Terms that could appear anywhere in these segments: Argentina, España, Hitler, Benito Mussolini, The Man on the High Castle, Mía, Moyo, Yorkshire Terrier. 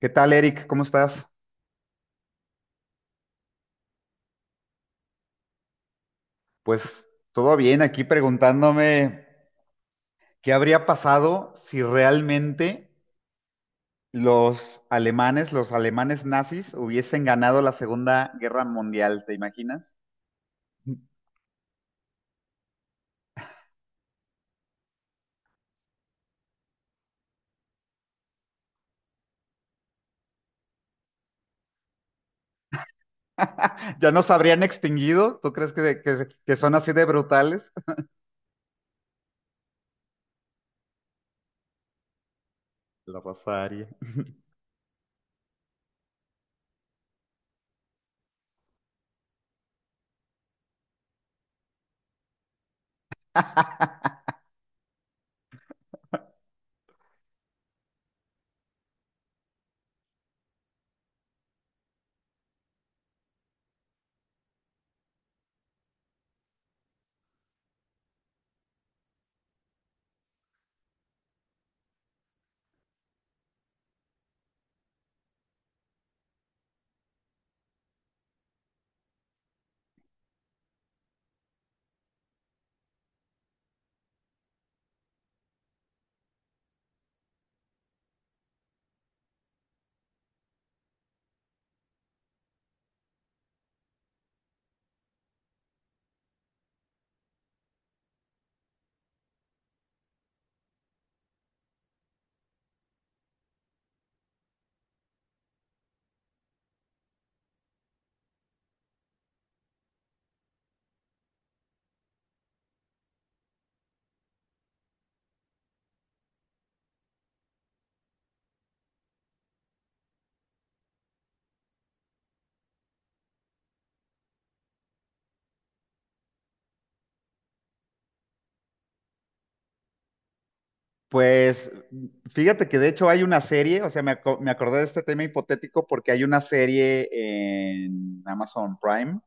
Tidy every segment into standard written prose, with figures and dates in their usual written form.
¿Qué tal, Eric? ¿Cómo estás? Pues todo bien, aquí preguntándome qué habría pasado si realmente los alemanes nazis, hubiesen ganado la Segunda Guerra Mundial, ¿te imaginas? ¿Ya nos habrían extinguido? ¿Tú crees que son así de brutales? La raza aria. Pues fíjate que de hecho hay una serie, o sea, me acordé de este tema hipotético porque hay una serie en Amazon Prime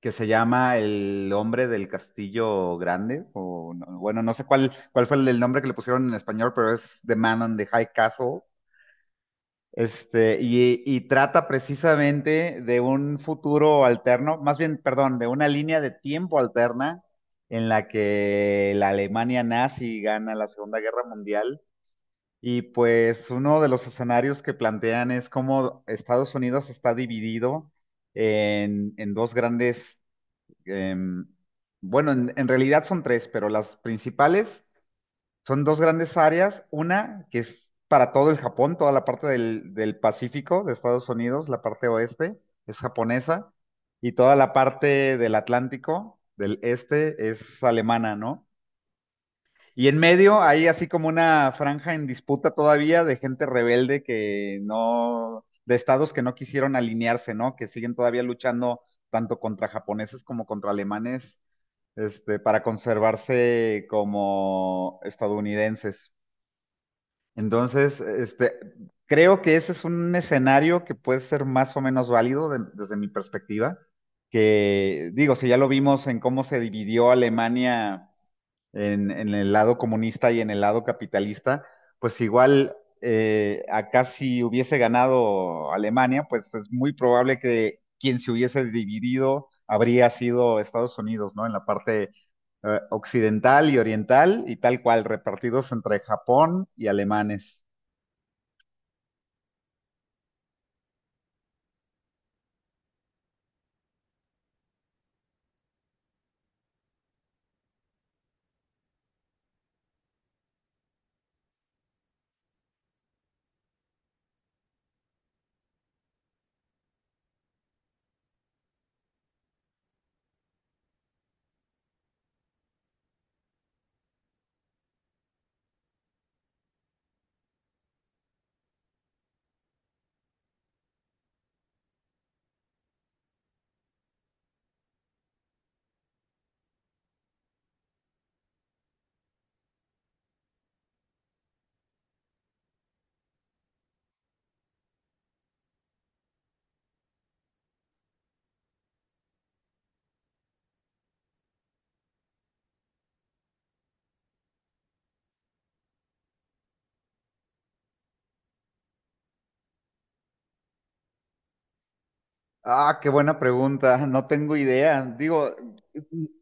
que se llama El hombre del castillo grande, o no- bueno, no sé cuál fue el nombre que le pusieron en español, pero es The Man on the High Castle. Este, y trata precisamente de un futuro alterno, más bien, perdón, de una línea de tiempo alterna en la que la Alemania nazi gana la Segunda Guerra Mundial. Y pues uno de los escenarios que plantean es cómo Estados Unidos está dividido en dos grandes em, bueno, en realidad son tres, pero las principales son dos grandes áreas. Una que es para todo el Japón, toda la parte del Pacífico de Estados Unidos, la parte oeste es japonesa, y toda la parte del Atlántico, del este, es alemana, ¿no? Y en medio hay así como una franja en disputa todavía de gente rebelde que no, de estados que no quisieron alinearse, ¿no? Que siguen todavía luchando tanto contra japoneses como contra alemanes este, para conservarse como estadounidenses. Entonces, este, creo que ese es un escenario que puede ser más o menos válido desde mi perspectiva, que digo, si ya lo vimos en cómo se dividió Alemania en el lado comunista y en el lado capitalista, pues igual acá si hubiese ganado Alemania, pues es muy probable que quien se hubiese dividido habría sido Estados Unidos, ¿no? En la parte occidental y oriental y tal cual, repartidos entre Japón y alemanes. Ah, qué buena pregunta. No tengo idea. Digo,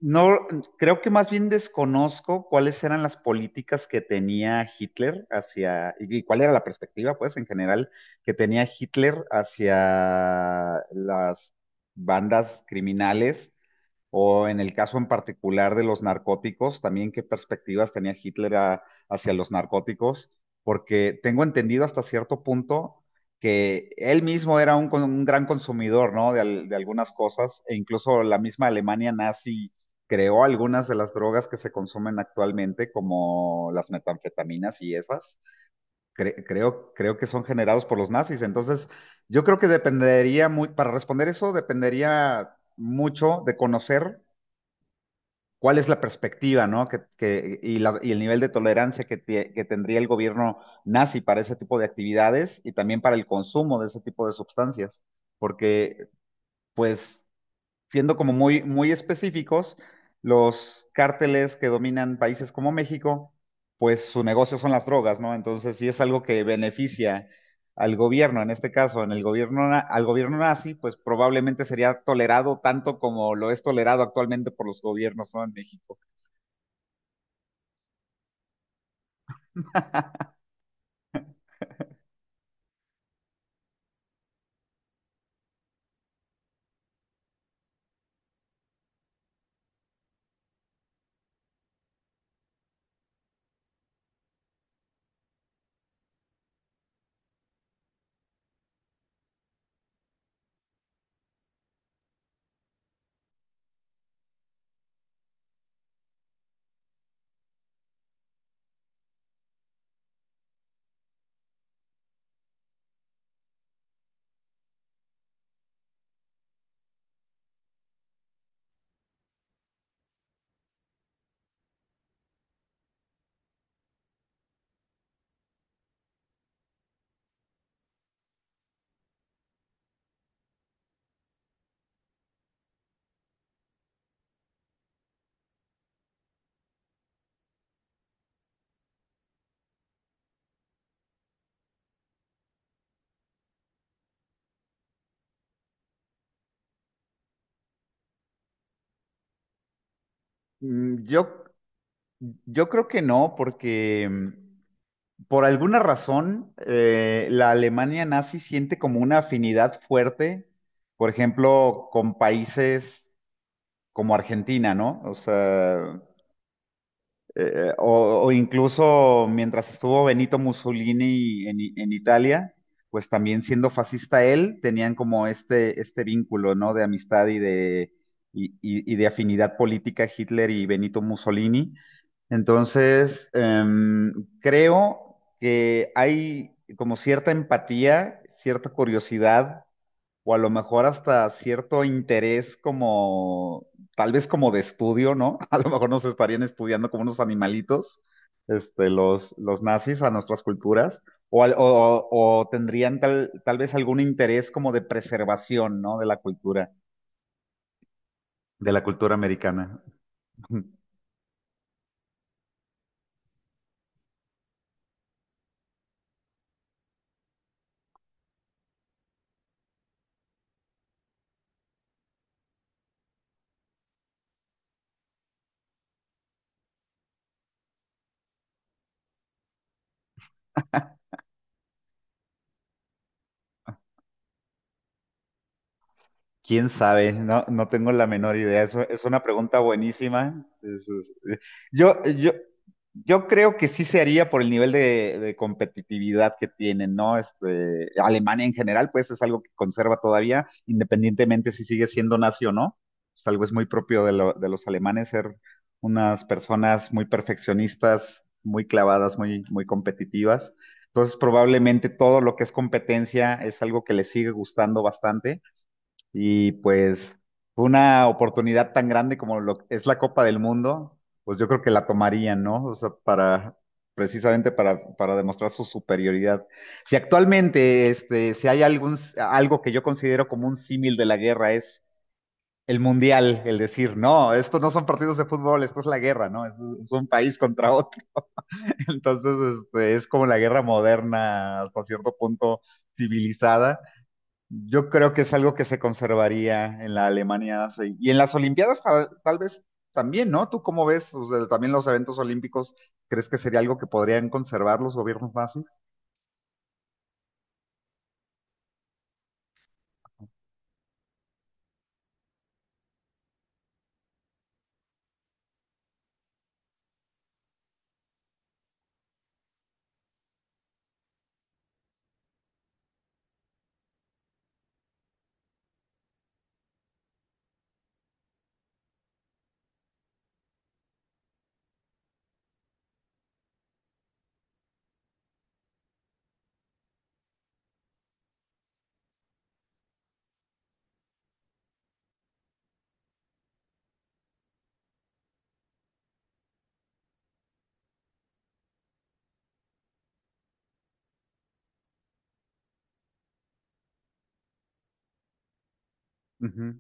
no, creo que más bien desconozco cuáles eran las políticas que tenía Hitler hacia, y cuál era la perspectiva, pues, en general, que tenía Hitler hacia las bandas criminales o en el caso en particular de los narcóticos, también qué perspectivas tenía hacia los narcóticos, porque tengo entendido hasta cierto punto que él mismo era un gran consumidor, ¿no? De, de algunas cosas, e incluso la misma Alemania nazi creó algunas de las drogas que se consumen actualmente, como las metanfetaminas y esas. Creo que son generados por los nazis. Entonces, yo creo que dependería muy, para responder eso, dependería mucho de conocer cuál es la perspectiva, ¿no? Y, y el nivel de tolerancia que tendría el gobierno nazi para ese tipo de actividades y también para el consumo de ese tipo de sustancias. Porque, pues, siendo como muy, muy específicos, los cárteles que dominan países como México, pues su negocio son las drogas, ¿no? Entonces, si es algo que beneficia al gobierno, en este caso, en el gobierno, al gobierno nazi, pues probablemente sería tolerado tanto como lo es tolerado actualmente por los gobiernos, ¿no? En México. Mm, yo creo que no, porque mm, por alguna razón la Alemania nazi siente como una afinidad fuerte, por ejemplo, con países como Argentina, ¿no? O sea, o incluso mientras estuvo Benito Mussolini en, en Italia, pues también siendo fascista él, tenían como este vínculo, ¿no? De amistad y de afinidad política Hitler y Benito Mussolini. Entonces, em, creo que hay como cierta empatía, cierta curiosidad o a lo mejor hasta cierto interés como, tal vez como de estudio, ¿no? A lo mejor nos estarían estudiando como unos animalitos, este, los nazis a nuestras culturas, o, o tendrían tal vez algún interés como de preservación, ¿no? De la cultura americana. ¿Quién sabe? No, no tengo la menor idea. Eso es una pregunta buenísima. Es- Yo, yo, yo creo que sí se haría por el nivel de competitividad que tienen, ¿no? Este, Alemania en general, pues es algo que conserva todavía, independientemente si sigue siendo nazi o no. Es algo es muy propio de, de los alemanes ser unas personas muy perfeccionistas, muy clavadas, muy, muy competitivas. Entonces, probablemente todo lo que es competencia es algo que les sigue gustando bastante y pues fue una oportunidad tan grande como lo es la Copa del Mundo, pues yo creo que la tomarían, ¿no? O sea, para precisamente para demostrar su superioridad. Si actualmente este, si hay algún algo que yo considero como un símil de la guerra es el mundial, el decir, no, esto no son partidos de fútbol, esto es la guerra, ¿no? Es un país contra otro. Entonces, este, es como la guerra moderna hasta cierto punto civilizada yo creo que es algo que se conservaría en la Alemania nazi. Y en las Olimpiadas tal vez también, ¿no? ¿Tú cómo ves? O sea, también los eventos olímpicos, ¿crees que sería algo que podrían conservar los gobiernos nazis? Ujú.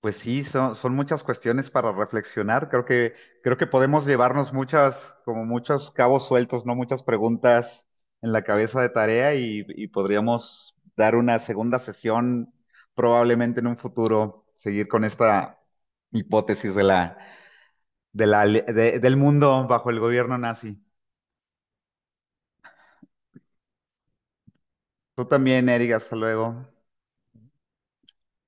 Pues sí, son, son muchas cuestiones para reflexionar. Creo que podemos llevarnos muchas, como muchos cabos sueltos, ¿no? Muchas preguntas en la cabeza de tarea y podríamos dar una segunda sesión probablemente en un futuro, seguir con esta hipótesis de la del mundo bajo el gobierno nazi. Tú también, Eric, hasta luego.